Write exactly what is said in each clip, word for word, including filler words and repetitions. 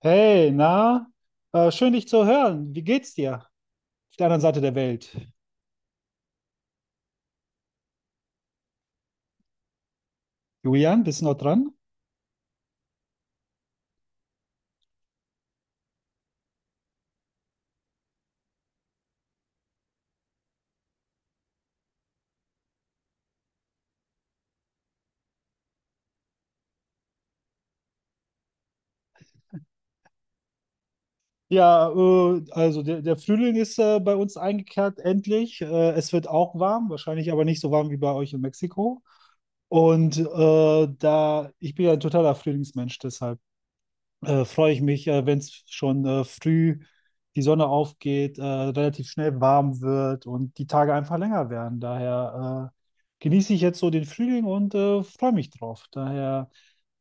Hey, na, äh, schön dich zu hören. Wie geht's dir? Auf der anderen Seite der Welt. Julian, bist du noch dran? Ja, äh, also der, der Frühling ist äh, bei uns eingekehrt, endlich. Äh, es wird auch warm, wahrscheinlich aber nicht so warm wie bei euch in Mexiko. Und äh, da, ich bin ja ein totaler Frühlingsmensch, deshalb äh, freue ich mich, äh, wenn es schon äh, früh die Sonne aufgeht, äh, relativ schnell warm wird und die Tage einfach länger werden. Daher äh, genieße ich jetzt so den Frühling und äh, freue mich drauf. Daher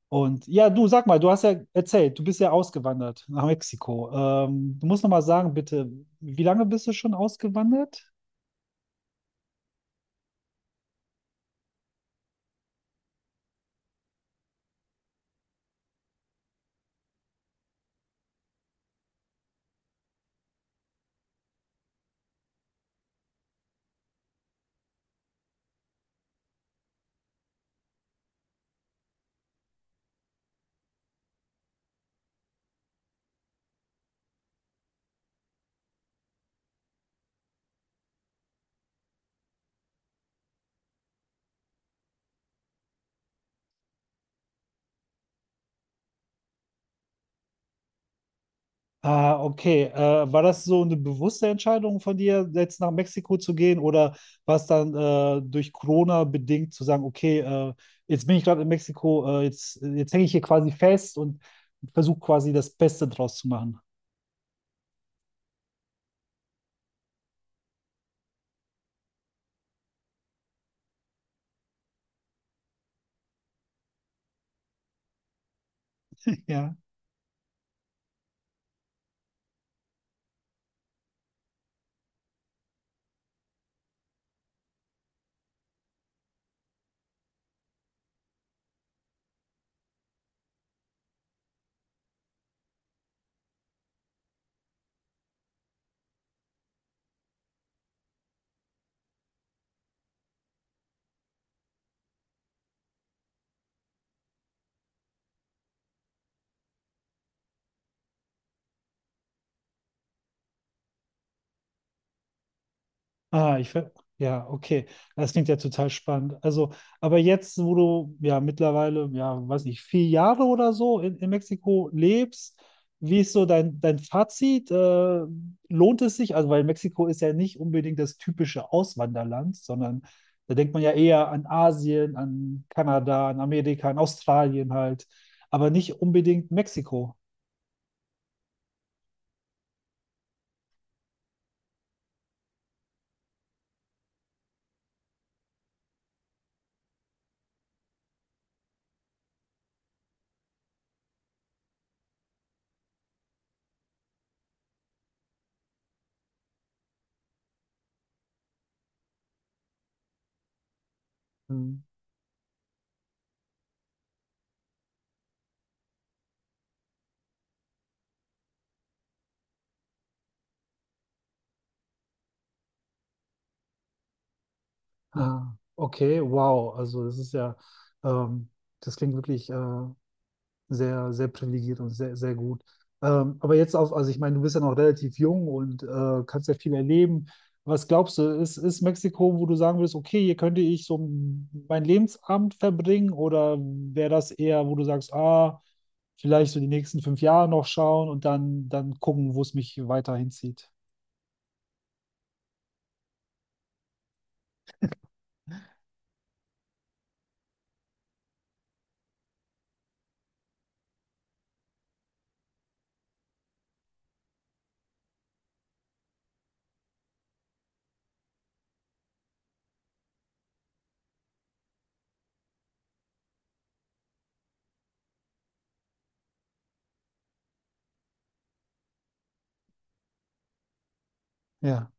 und ja, du, sag mal, du hast ja erzählt, du bist ja ausgewandert nach Mexiko. Ähm, du musst noch mal sagen, bitte, wie lange bist du schon ausgewandert? Ah, okay. Äh, war das so eine bewusste Entscheidung von dir, jetzt nach Mexiko zu gehen, oder war es dann äh, durch Corona bedingt zu sagen, okay, äh, jetzt bin ich gerade in Mexiko, äh, jetzt, jetzt hänge ich hier quasi fest und versuche quasi das Beste draus zu machen? Ja. Ah, ich ver ja, okay. Das klingt ja total spannend. Also, aber jetzt, wo du ja mittlerweile, ja, weiß nicht, vier Jahre oder so in, in Mexiko lebst, wie ist so dein, dein Fazit? Äh, lohnt es sich? Also, weil Mexiko ist ja nicht unbedingt das typische Auswanderland, sondern da denkt man ja eher an Asien, an Kanada, an Amerika, an Australien halt, aber nicht unbedingt Mexiko. Hm. Ah, okay, wow. Also, das ist ja, ähm, das klingt wirklich äh, sehr, sehr privilegiert und sehr, sehr gut. Ähm, aber jetzt auf, also ich meine, du bist ja noch relativ jung und äh, kannst ja viel erleben. Was glaubst du, ist, ist Mexiko, wo du sagen würdest, okay, hier könnte ich so meinen Lebensabend verbringen, oder wäre das eher, wo du sagst, ah, vielleicht so die nächsten fünf Jahre noch schauen und dann, dann gucken, wo es mich weiter hinzieht? Ja,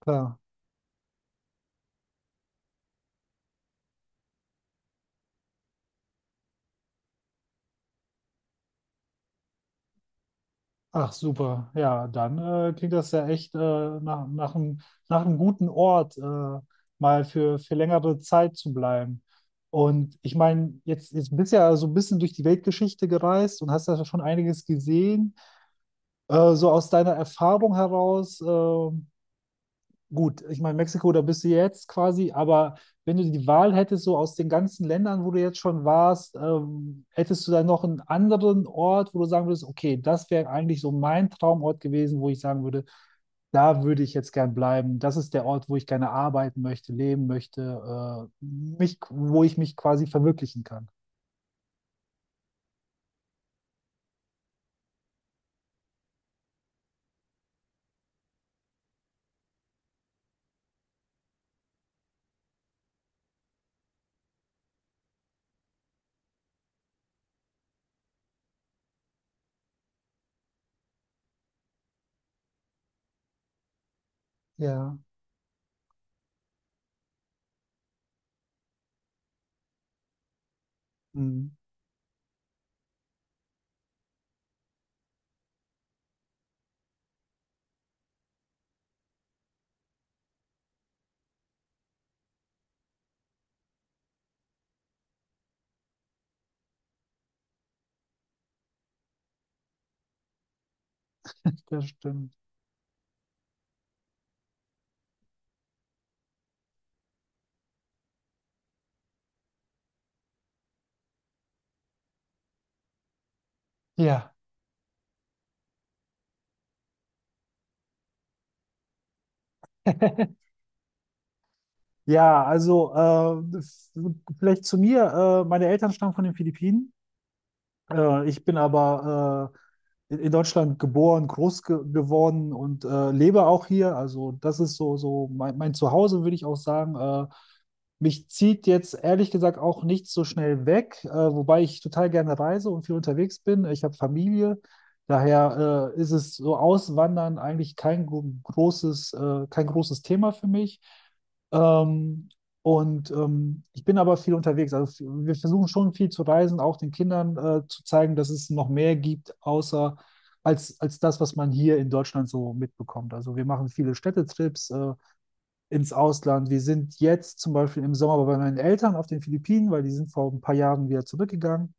klar. Ach super, ja, dann äh, klingt das ja echt äh, nach, nach einem, nach einem guten Ort, äh, mal für, für längere Zeit zu bleiben. Und ich meine, jetzt, jetzt bist du ja so ein bisschen durch die Weltgeschichte gereist und hast ja schon einiges gesehen. Äh, so aus deiner Erfahrung heraus, äh, gut, ich meine, Mexiko, da bist du jetzt quasi, aber wenn du die Wahl hättest, so aus den ganzen Ländern, wo du jetzt schon warst, ähm, hättest du dann noch einen anderen Ort, wo du sagen würdest, okay, das wäre eigentlich so mein Traumort gewesen, wo ich sagen würde, da würde ich jetzt gern bleiben. Das ist der Ort, wo ich gerne arbeiten möchte, leben möchte, äh, mich, wo ich mich quasi verwirklichen kann. Ja. Mhm, das stimmt. Ja. Ja, also äh, f- Vielleicht zu mir. Äh, meine Eltern stammen von den Philippinen. Äh, ich bin aber äh, in in Deutschland geboren, groß ge geworden und äh, lebe auch hier. Also das ist so, so mein, mein Zuhause, würde ich auch sagen. Äh, mich zieht jetzt ehrlich gesagt auch nicht so schnell weg, äh, wobei ich total gerne reise und viel unterwegs bin. Ich habe Familie. Daher äh, ist es so Auswandern eigentlich kein gro- großes, äh, kein großes Thema für mich. Ähm, und ähm, Ich bin aber viel unterwegs. Also f- wir versuchen schon viel zu reisen, auch den Kindern äh, zu zeigen, dass es noch mehr gibt, außer als, als das, was man hier in Deutschland so mitbekommt. Also wir machen viele Städtetrips äh, ins Ausland. Wir sind jetzt zum Beispiel im Sommer bei meinen Eltern auf den Philippinen, weil die sind vor ein paar Jahren wieder zurückgegangen.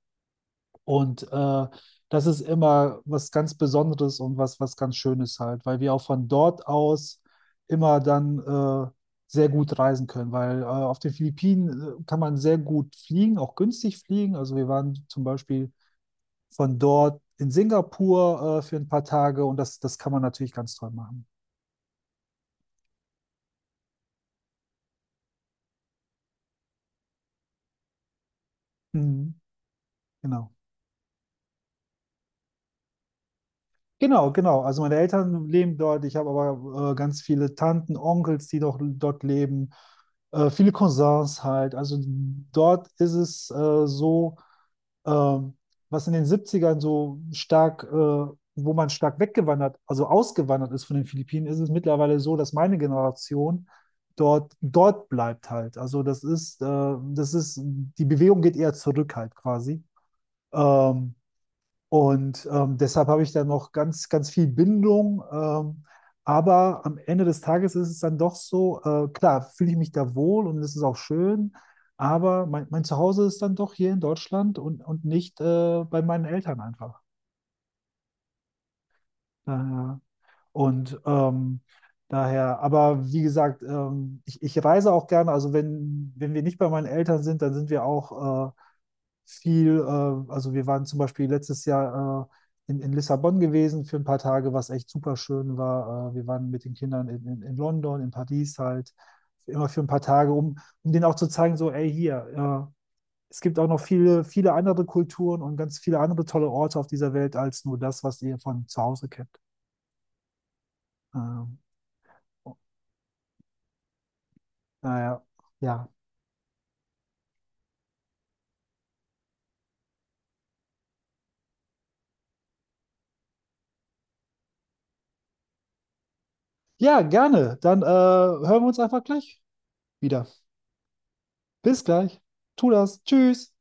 Und äh, das ist immer was ganz Besonderes und was, was ganz Schönes halt, weil wir auch von dort aus immer dann äh, sehr gut reisen können, weil äh, auf den Philippinen äh, kann man sehr gut fliegen, auch günstig fliegen. Also wir waren zum Beispiel von dort in Singapur äh, für ein paar Tage und das, das kann man natürlich ganz toll machen. Mhm, genau. Genau, genau. Also meine Eltern leben dort. Ich habe aber äh, ganz viele Tanten, Onkels, die doch dort leben. Äh, viele Cousins halt. Also dort ist es äh, so, ähm, was in den Siebzigern so stark, äh, wo man stark weggewandert, also ausgewandert ist von den Philippinen, ist es mittlerweile so, dass meine Generation dort, dort bleibt halt. Also das ist, äh, das ist, die Bewegung geht eher zurück halt quasi. Ähm, und ähm, Deshalb habe ich da noch ganz, ganz viel Bindung. Ähm, aber am Ende des Tages ist es dann doch so, äh, klar, fühle ich mich da wohl und es ist auch schön, aber mein, mein Zuhause ist dann doch hier in Deutschland und, und nicht äh, bei meinen Eltern einfach. Daher. Und ähm, daher, aber wie gesagt, ähm, ich, ich reise auch gerne. Also wenn, wenn wir nicht bei meinen Eltern sind, dann sind wir auch äh, viel, äh, also wir waren zum Beispiel letztes Jahr äh, in, in Lissabon gewesen für ein paar Tage, was echt super schön war. Äh, wir waren mit den Kindern in, in, in London, in Paris halt, immer für ein paar Tage, um, um denen auch zu zeigen, so, ey, hier, äh, es gibt auch noch viele, viele andere Kulturen und ganz viele andere tolle Orte auf dieser Welt als nur das, was ihr von zu Hause kennt. Ähm, naja, ja. Ja, gerne. Dann äh, hören wir uns einfach gleich wieder. Bis gleich. Tu das. Tschüss.